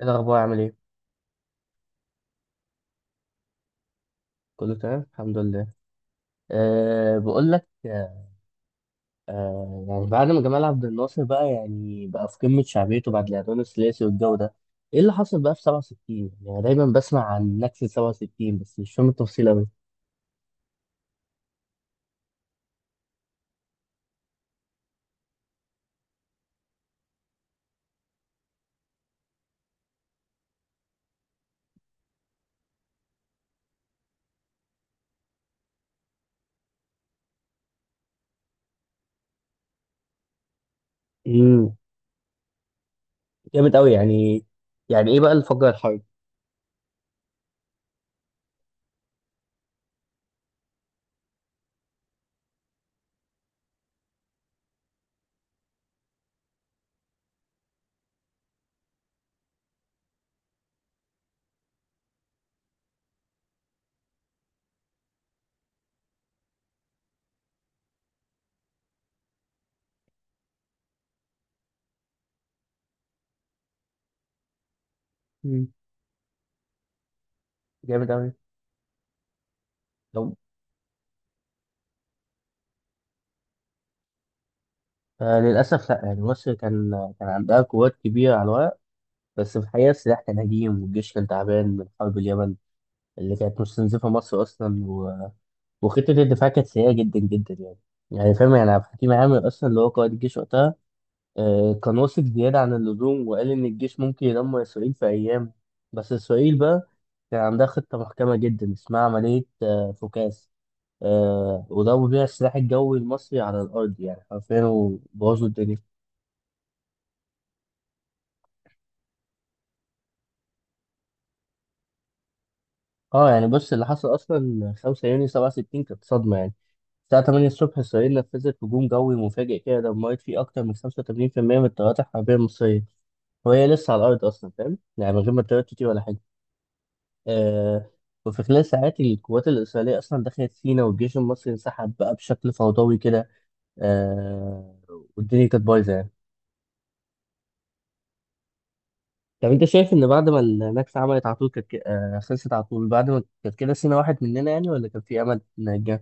إيه الأخبار عامل إيه؟ كله تمام؟ الحمد لله. بقول لك. يعني بعد ما جمال عبد الناصر بقى يعني بقى في قمة شعبيته بعد الإعدام الثلاثي والجو ده، إيه اللي حصل بقى في 67؟ يعني أنا دايما بسمع عن نكسة 67 بس مش فاهم التفصيل أوي. امم. جامد أوي يعني. يعني إيه بقى اللي فجر الحرب؟ امم. جامد أوي. طب آه للأسف لأ، يعني مصر كان كان عندها قوات كبيرة على الورق، بس في الحقيقة السلاح كان هجيم والجيش كان تعبان من حرب اليمن اللي كانت مستنزفة مصر أصلا، وخطة الدفاع كانت سيئة جدا جدا يعني. يعني فاهم، يعني عبد الحكيم عامر أصلا اللي هو قائد الجيش وقتها كان واثق زيادة عن اللزوم وقال إن الجيش ممكن يدمر إسرائيل في أيام. بس إسرائيل بقى كان عندها خطة محكمة جدا اسمها عملية فوكاس. وضربوا بيها السلاح الجوي المصري على الأرض يعني حرفيا وبوظوا الدنيا. اه يعني بص، اللي حصل أصلا 5 يونيو 67 كانت صدمة يعني. الساعة 8 الصبح إسرائيل نفذت هجوم جوي مفاجئ كده، دمرت فيه أكتر من 85% من الطيارات الحربية المصرية وهي لسه على الأرض أصلا، فاهم يعني، من غير ما ترتتي ولا حاجة. آه وفي خلال ساعات القوات الإسرائيلية أصلا دخلت سينا، والجيش المصري انسحب بقى بشكل فوضوي كده. آه والدنيا كانت بايظة يعني. طب أنت شايف إن بعد ما النكسة عملت على طول كانت خلصت على طول بعد ما كانت كده سينا واحد مننا يعني، ولا كان في أمل نرجع؟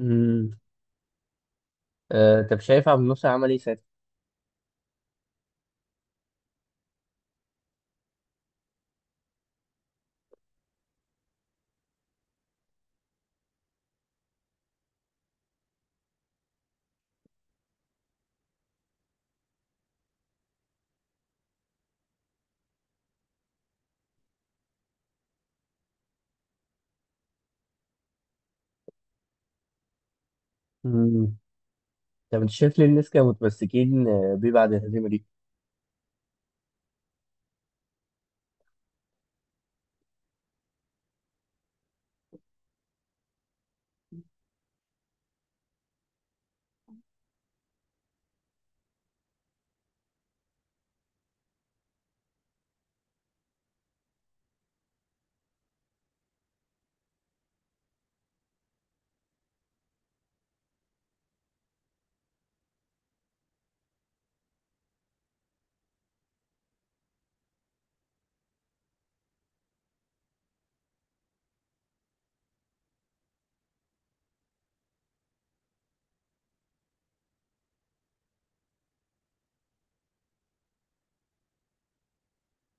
امم. طب شايف عبد الناصر عمل إيه ساعتها؟ امم. طب أنت شايف ليه الناس كانوا متمسكين بيه بعد الهزيمة دي؟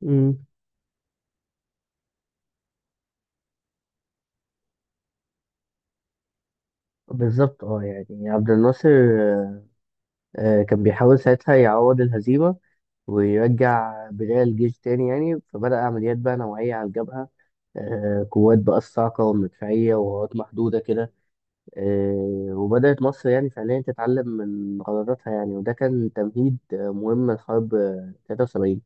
امم. بالظبط، اه يعني عبد الناصر كان بيحاول ساعتها يعوض الهزيمة، ويرجع بداية الجيش تاني يعني. فبدأ عمليات بقى نوعية على الجبهة، قوات بقى الصاعقة والمدفعية وقوات محدودة كده. وبدأت مصر يعني فعليا تتعلم من غلطاتها يعني، وده كان تمهيد مهم لحرب 73.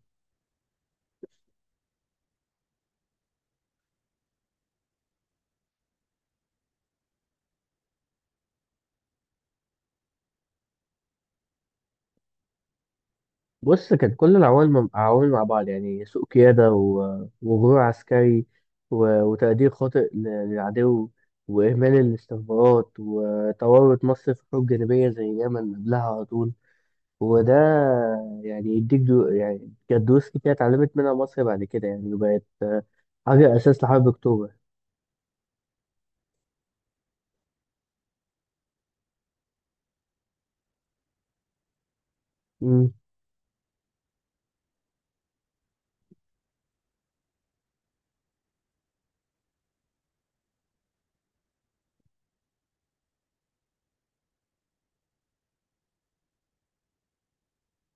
بص، كانت كل العوامل عوامل مع بعض يعني: سوء قيادة، و- وغرور عسكري، و- وتقدير خاطئ للعدو، وإهمال الاستخبارات، وتورط مصر في حروب جانبية زي اليمن قبلها على طول. وده يعني يديك دو يعني كانت دروس كتير اتعلمت منها مصر بعد كده يعني، وبقت حاجة أساس لحرب أكتوبر. مم.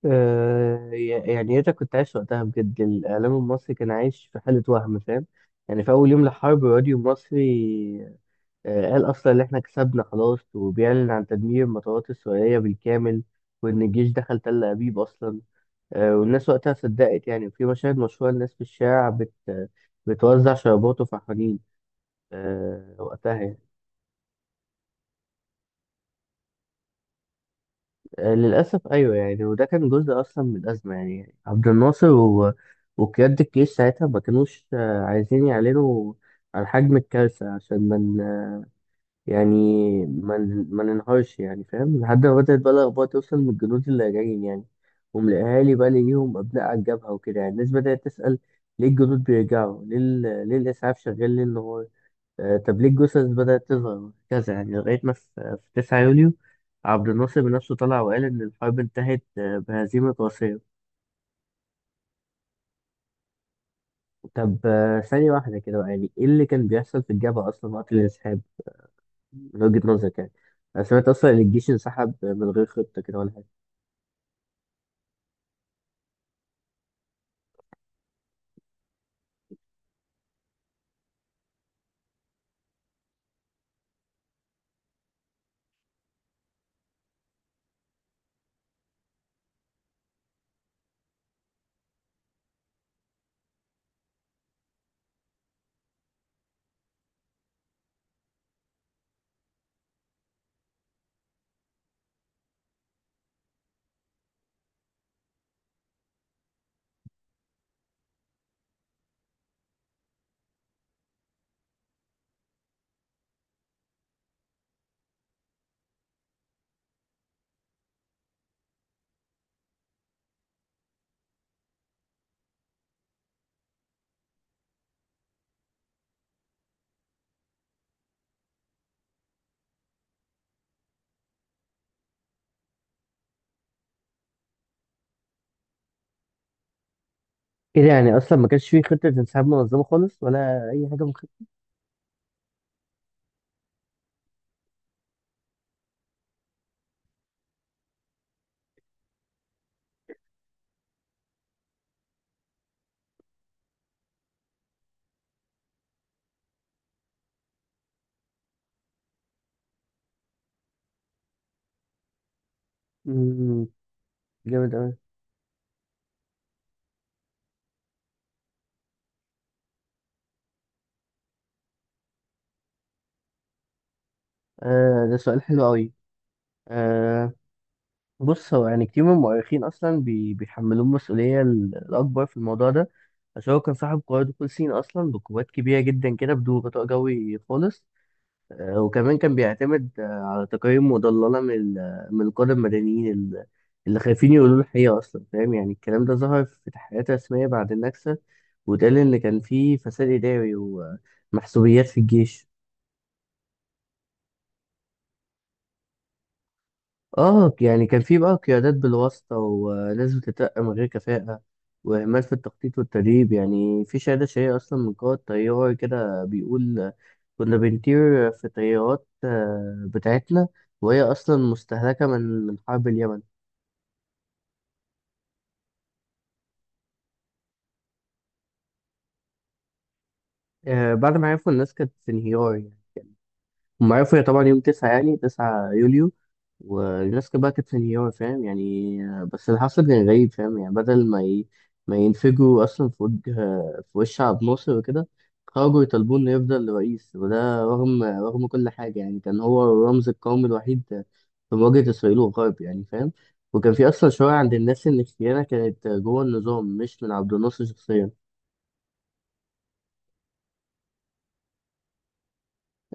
آه ي- يعني أنت كنت عايش وقتها، بجد الإعلام المصري كان عايش في حالة وهم، فاهم يعني. في أول يوم للحرب الراديو المصري قال أصلا إن إحنا كسبنا خلاص، وبيعلن عن تدمير المطارات السورية بالكامل، وإن الجيش دخل تل أبيب أصلا. والناس وقتها صدقت يعني، وفي مشاهد مشهورة الناس في الشارع بتوزع شرابات وفرحانين وقتها يعني. للأسف أيوه يعني، وده كان جزء أصلا من الأزمة يعني. عبد الناصر و... وقيادة الجيش ساعتها ما كانوش عايزين يعلنوا عن حجم الكارثة عشان ما يعني ما ننهارش يعني، فاهم، لحد ما بدأت بقى الأخبار توصل من الجنود اللي راجعين يعني، وملاقيهالي بقى ليهم أبناء على الجبهة وكده. يعني الناس بدأت تسأل ليه الجنود بيرجعوا، ليه ليه الإسعاف شغال ليل نهار، طب ليه الجثث بدأت تظهر كذا يعني، لغاية ما في في 9 يوليو عبد الناصر بنفسه طلع وقال إن الحرب انتهت بهزيمة قاسية. طب ثانية واحدة كده بقى، يعني إيه اللي كان بيحصل في الجبهة أصلا وقت الانسحاب، من وجهة نظرك يعني؟ أنا سمعت أصلا إن الجيش انسحب من غير خطة كده ولا حاجة، كده يعني اصلا ما كانش فيه خطه انسحاب منظمه خالص ولا اي حاجه من خطه. مم. جامد قوي. آه ده سؤال حلو قوي. آه بص، هو يعني كتير من المؤرخين اصلا بيحملوه المسؤوليه ال- الاكبر في الموضوع ده، عشان هو كان صاحب قوات دخول سين اصلا بقوات كبيره جدا كده بدون غطاء جوي خالص. وكمان كان بيعتمد على تقارير مضللة من القادة المدنيين اللي خايفين يقولوا الحقيقة أصلا، فاهم يعني. الكلام ده ظهر في تحقيقات رسمية بعد النكسة، واتقال إن كان في فساد إداري ومحسوبيات في الجيش. اه يعني كان في بقى قيادات بالواسطة وناس بتترقى من غير كفاءة، وإهمال في التخطيط والتدريب يعني. في شهادة شهية أصلا من قائد طيار كده بيقول كنا بنطير في الطيارات بتاعتنا وهي أصلا مستهلكة من حرب اليمن. بعد ما عرفوا الناس كانت في انهيار يعني. هم عرفوا هي طبعا يوم تسعة يعني تسعة يوليو، والناس كانت بقى كانت في نيويورك فاهم يعني. بس اللي حصل كان غريب، فاهم يعني، بدل ما ما ينفجروا أصلا في وش عبد الناصر وكده، خرجوا يطالبوا إنه يفضل رئيس. وده رغم كل حاجة، يعني كان هو الرمز القومي الوحيد في مواجهة إسرائيل والغرب يعني، فاهم. وكان في أصلا شوية عند الناس إن الخيانة كانت جوه النظام مش من عبد الناصر شخصيا.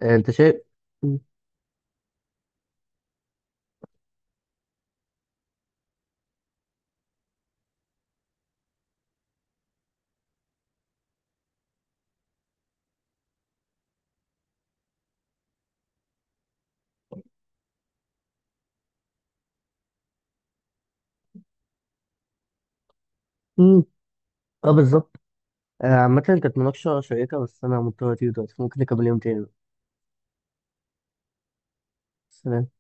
أنت شايف؟ مم. اه بالظبط. عامة كانت مناقشة شيقة، بس أنا مضطر أطير دلوقتي، ممكن نكمل يوم تاني بقى. سلام.